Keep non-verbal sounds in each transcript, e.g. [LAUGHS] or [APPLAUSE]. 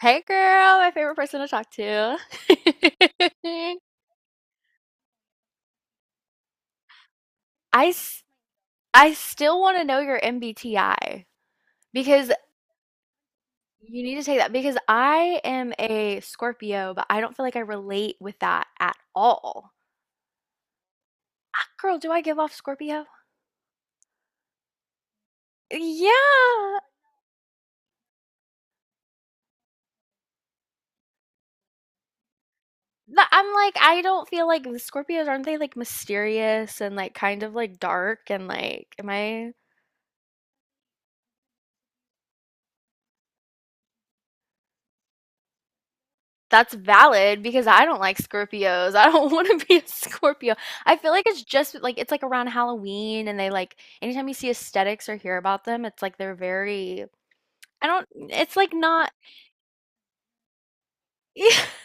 Hey girl, my favorite person to talk to. [LAUGHS] I s- I still want to know your MBTI because you need to take that because I am a Scorpio, but I don't feel like I relate with that at all. Ah, girl, do I give off Scorpio? Yeah. I'm like, I don't feel like the Scorpios, aren't they like mysterious and like kind of like dark and like am I, that's valid because I don't like Scorpios. I don't [LAUGHS] want to be a Scorpio. I feel like it's just like, it's like around Halloween and they like anytime you see aesthetics or hear about them, it's like they're very, I don't, it's like not. [LAUGHS]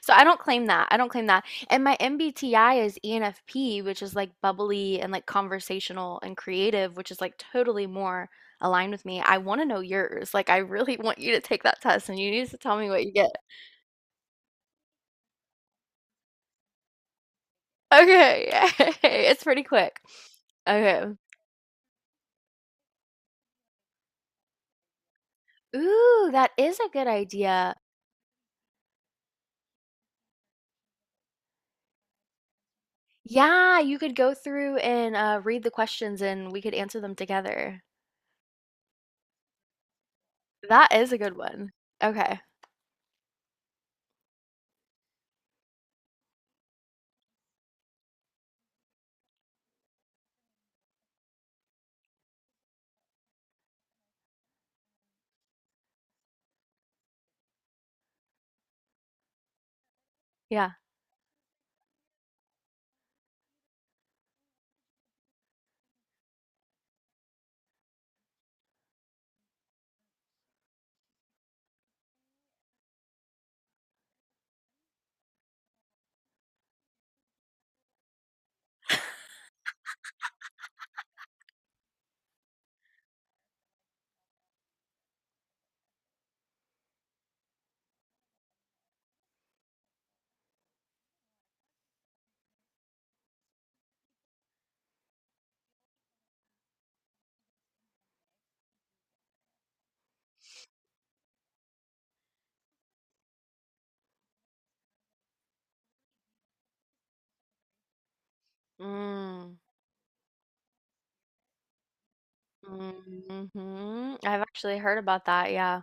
So I don't claim that. I don't claim that. And my MBTI is ENFP, which is like bubbly and like conversational and creative, which is like totally more aligned with me. I want to know yours. Like, I really [LAUGHS] want you to take that test and you need to tell me what you get. Okay, [LAUGHS] it's pretty quick. Okay. Ooh, that is a good idea. Yeah, you could go through and read the questions and we could answer them together. That is a good one. Okay. Yeah. Mm. Hmm, I've actually heard about that. Yeah.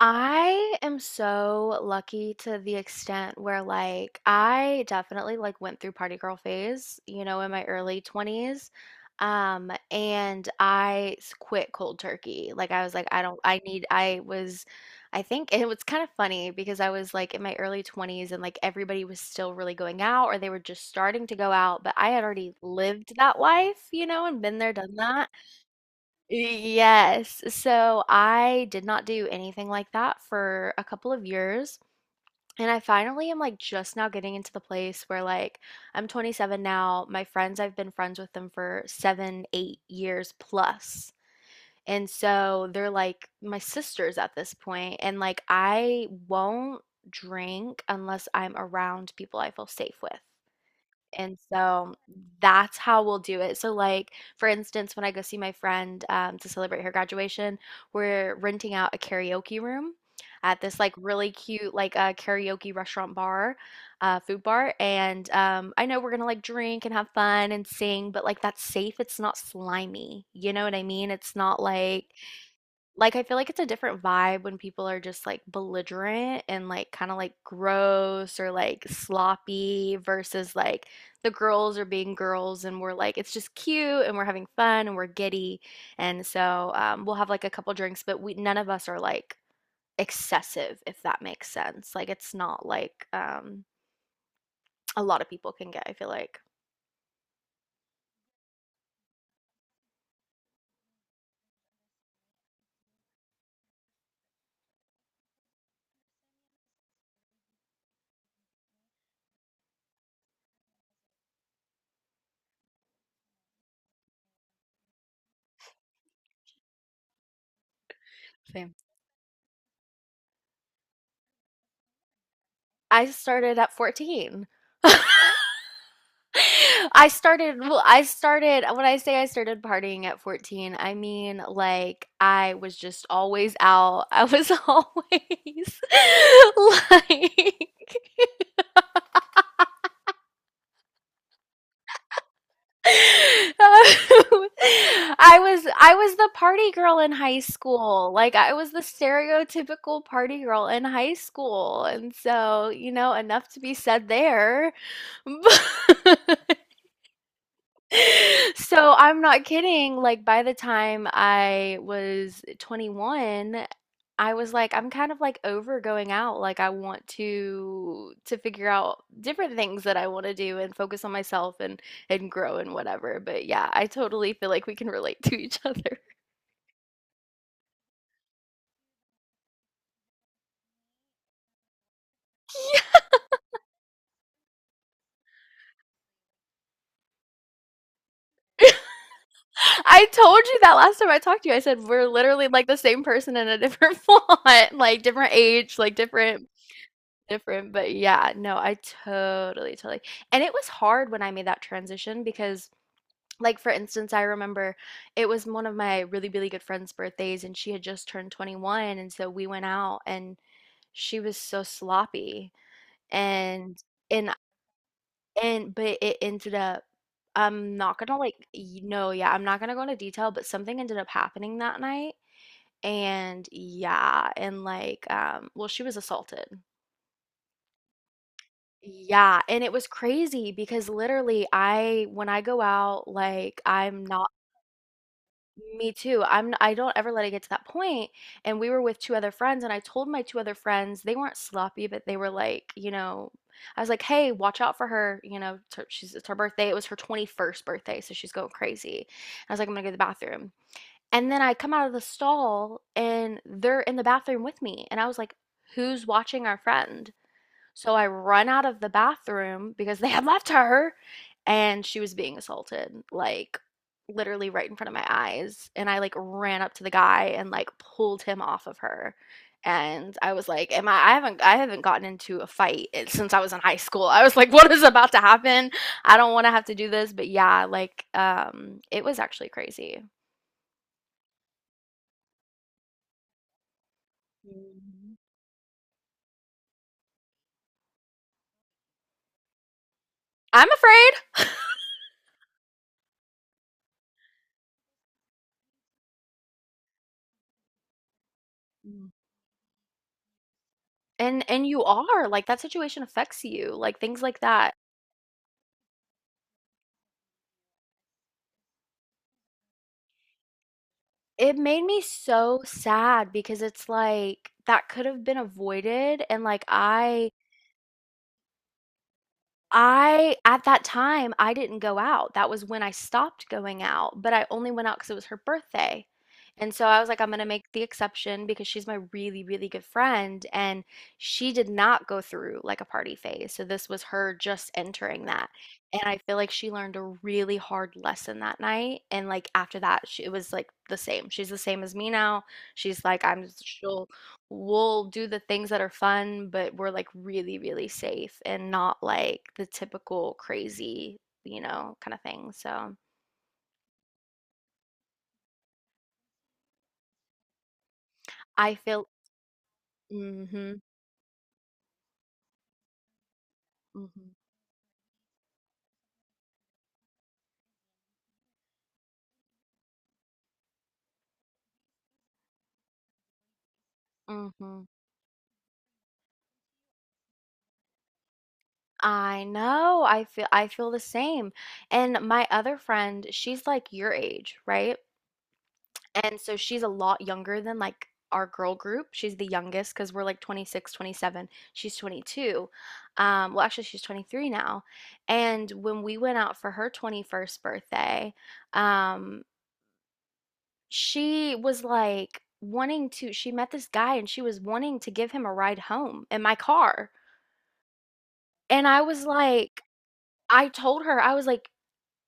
I am so lucky to the extent where, like, I definitely like went through party girl phase, you know, in my early 20s. And quit cold turkey. Like I was like, I don't, I need, I was, I think it was kind of funny because I was like in my early 20s and like everybody was still really going out or they were just starting to go out, but I had already lived that life, you know, and been there, done that. Yes. So I did not do anything like that for a couple of years. And I finally am like just now getting into the place where, like, I'm 27 now. My friends, I've been friends with them for seven, 8 years plus. And so they're like my sisters at this point. And like I won't drink unless I'm around people I feel safe with. And so that's how we'll do it. So, like, for instance, when I go see my friend to celebrate her graduation, we're renting out a karaoke room at this like really cute like a karaoke restaurant bar, food bar. And I know we're gonna like drink and have fun and sing, but like that's safe. It's not slimy. You know what I mean? It's not like, like, I feel like it's a different vibe when people are just like belligerent and like kind of like gross or like sloppy versus like the girls are being girls and we're like, it's just cute and we're having fun and we're giddy. And so we'll have like a couple drinks, but we, none of us are like excessive, if that makes sense. Like, it's not like a lot of people can get, I feel like. Same. I started at 14. [LAUGHS] [LAUGHS] I started, well, I started, when I say I started partying at 14, I mean like I was just always out. I was [LAUGHS] always [LAUGHS] like [LAUGHS] I was the party girl in high school. Like I was the stereotypical party girl in high school. And so, you know, enough to be said there. [LAUGHS] [LAUGHS] So, I'm not kidding, like, by the time I was 21, I was like, I'm kind of like over going out. Like, I want to figure out different things that I want to do and focus on myself and grow and whatever. But yeah, I totally feel like we can relate to each other. [LAUGHS] I told you that last time I talked to you. I said we're literally like the same person in a different [LAUGHS] font, like different age, like different, different, but yeah, no, I totally, totally, and it was hard when I made that transition because, like, for instance, I remember it was one of my really, really good friend's birthdays, and she had just turned 21, and so we went out, and she was so sloppy, and and and but it ended up, I'm not gonna like y no, yeah, I'm not gonna go into detail, but something ended up happening that night, and yeah, and like, well, she was assaulted. Yeah, and it was crazy because literally I, when I go out, like I'm not, me too. I don't ever let it get to that point. And we were with two other friends and I told my two other friends, they weren't sloppy, but they were like, you know, I was like, "Hey, watch out for her, you know, she's, it's her birthday. It was her 21st birthday, so she's going crazy." I was like, "I'm going to go to the bathroom." And then I come out of the stall and they're in the bathroom with me. And I was like, "Who's watching our friend?" So I run out of the bathroom because they had [LAUGHS] left her and she was being assaulted, like literally right in front of my eyes. And I like ran up to the guy and like pulled him off of her. And I was like, am I, I haven't gotten into a fight since I was in high school. I was like, [LAUGHS] what is about to happen? I don't want to have to do this, but yeah, like it was actually crazy. Mhm. I'm afraid. Mm. And you are, like that situation affects you, like things like that. It made me so sad because it's like that could have been avoided and like I at that time, I didn't go out. That was when I stopped going out, but I only went out because it was her birthday. And so I was like, I'm gonna make the exception because she's my really, really good friend, and she did not go through like a party phase. So this was her just entering that. And I feel like she learned a really hard lesson that night. And like after that, she, it was like the same. She's the same as me now. She's like, I'm, she'll we'll do the things that are fun, but we're like really, really safe and not like the typical crazy, you know, kind of thing. So I feel, mm-hmm, mm-hmm, mm hmm. I know. I feel the same. And my other friend, she's like your age, right? And so she's a lot younger than like our girl group. She's the youngest because we're like 26, 27. She's 22. Well, actually, she's 23 now. And when we went out for her 21st birthday, um, she was like wanting to, she met this guy and she was wanting to give him a ride home in my car. And I was like, I told her, I was like,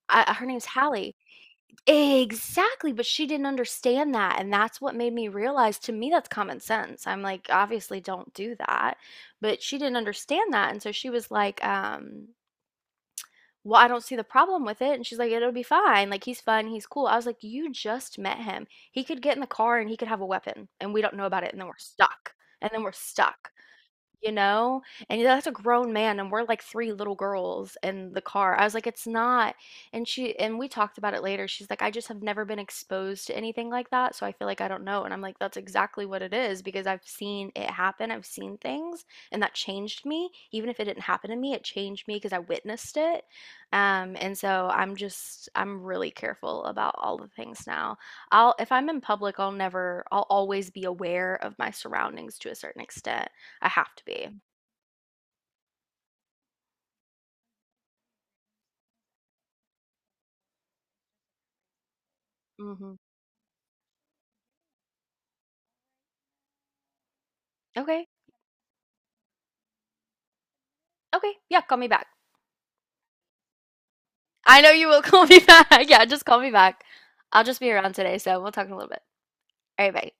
I, her name's Hallie. Exactly, but she didn't understand that, and that's what made me realize, to me that's common sense. I'm like, obviously don't do that, but she didn't understand that, and so she was like, "Well, I don't see the problem with it." And she's like, "It'll be fine. Like he's fun, he's cool." I was like, "You just met him. He could get in the car and he could have a weapon, and we don't know about it, and then we're stuck. And then we're stuck." You know? And that's a grown man, and we're like 3 little girls in the car. I was like, "It's not." And she, and we talked about it later. She's like, "I just have never been exposed to anything like that, so I feel like I don't know." And I'm like, "That's exactly what it is because I've seen it happen. I've seen things, and that changed me. Even if it didn't happen to me, it changed me because I witnessed it." And so I'm just, I'm really careful about all the things now. I'll if I'm in public, I'll never I'll always be aware of my surroundings to a certain extent. I have to be. Mhm. Okay. Okay. Yeah, call me back. I know you will [LAUGHS] call me back. Yeah, just call me back. I'll just be around today, so we'll talk in a little bit. All right, bye.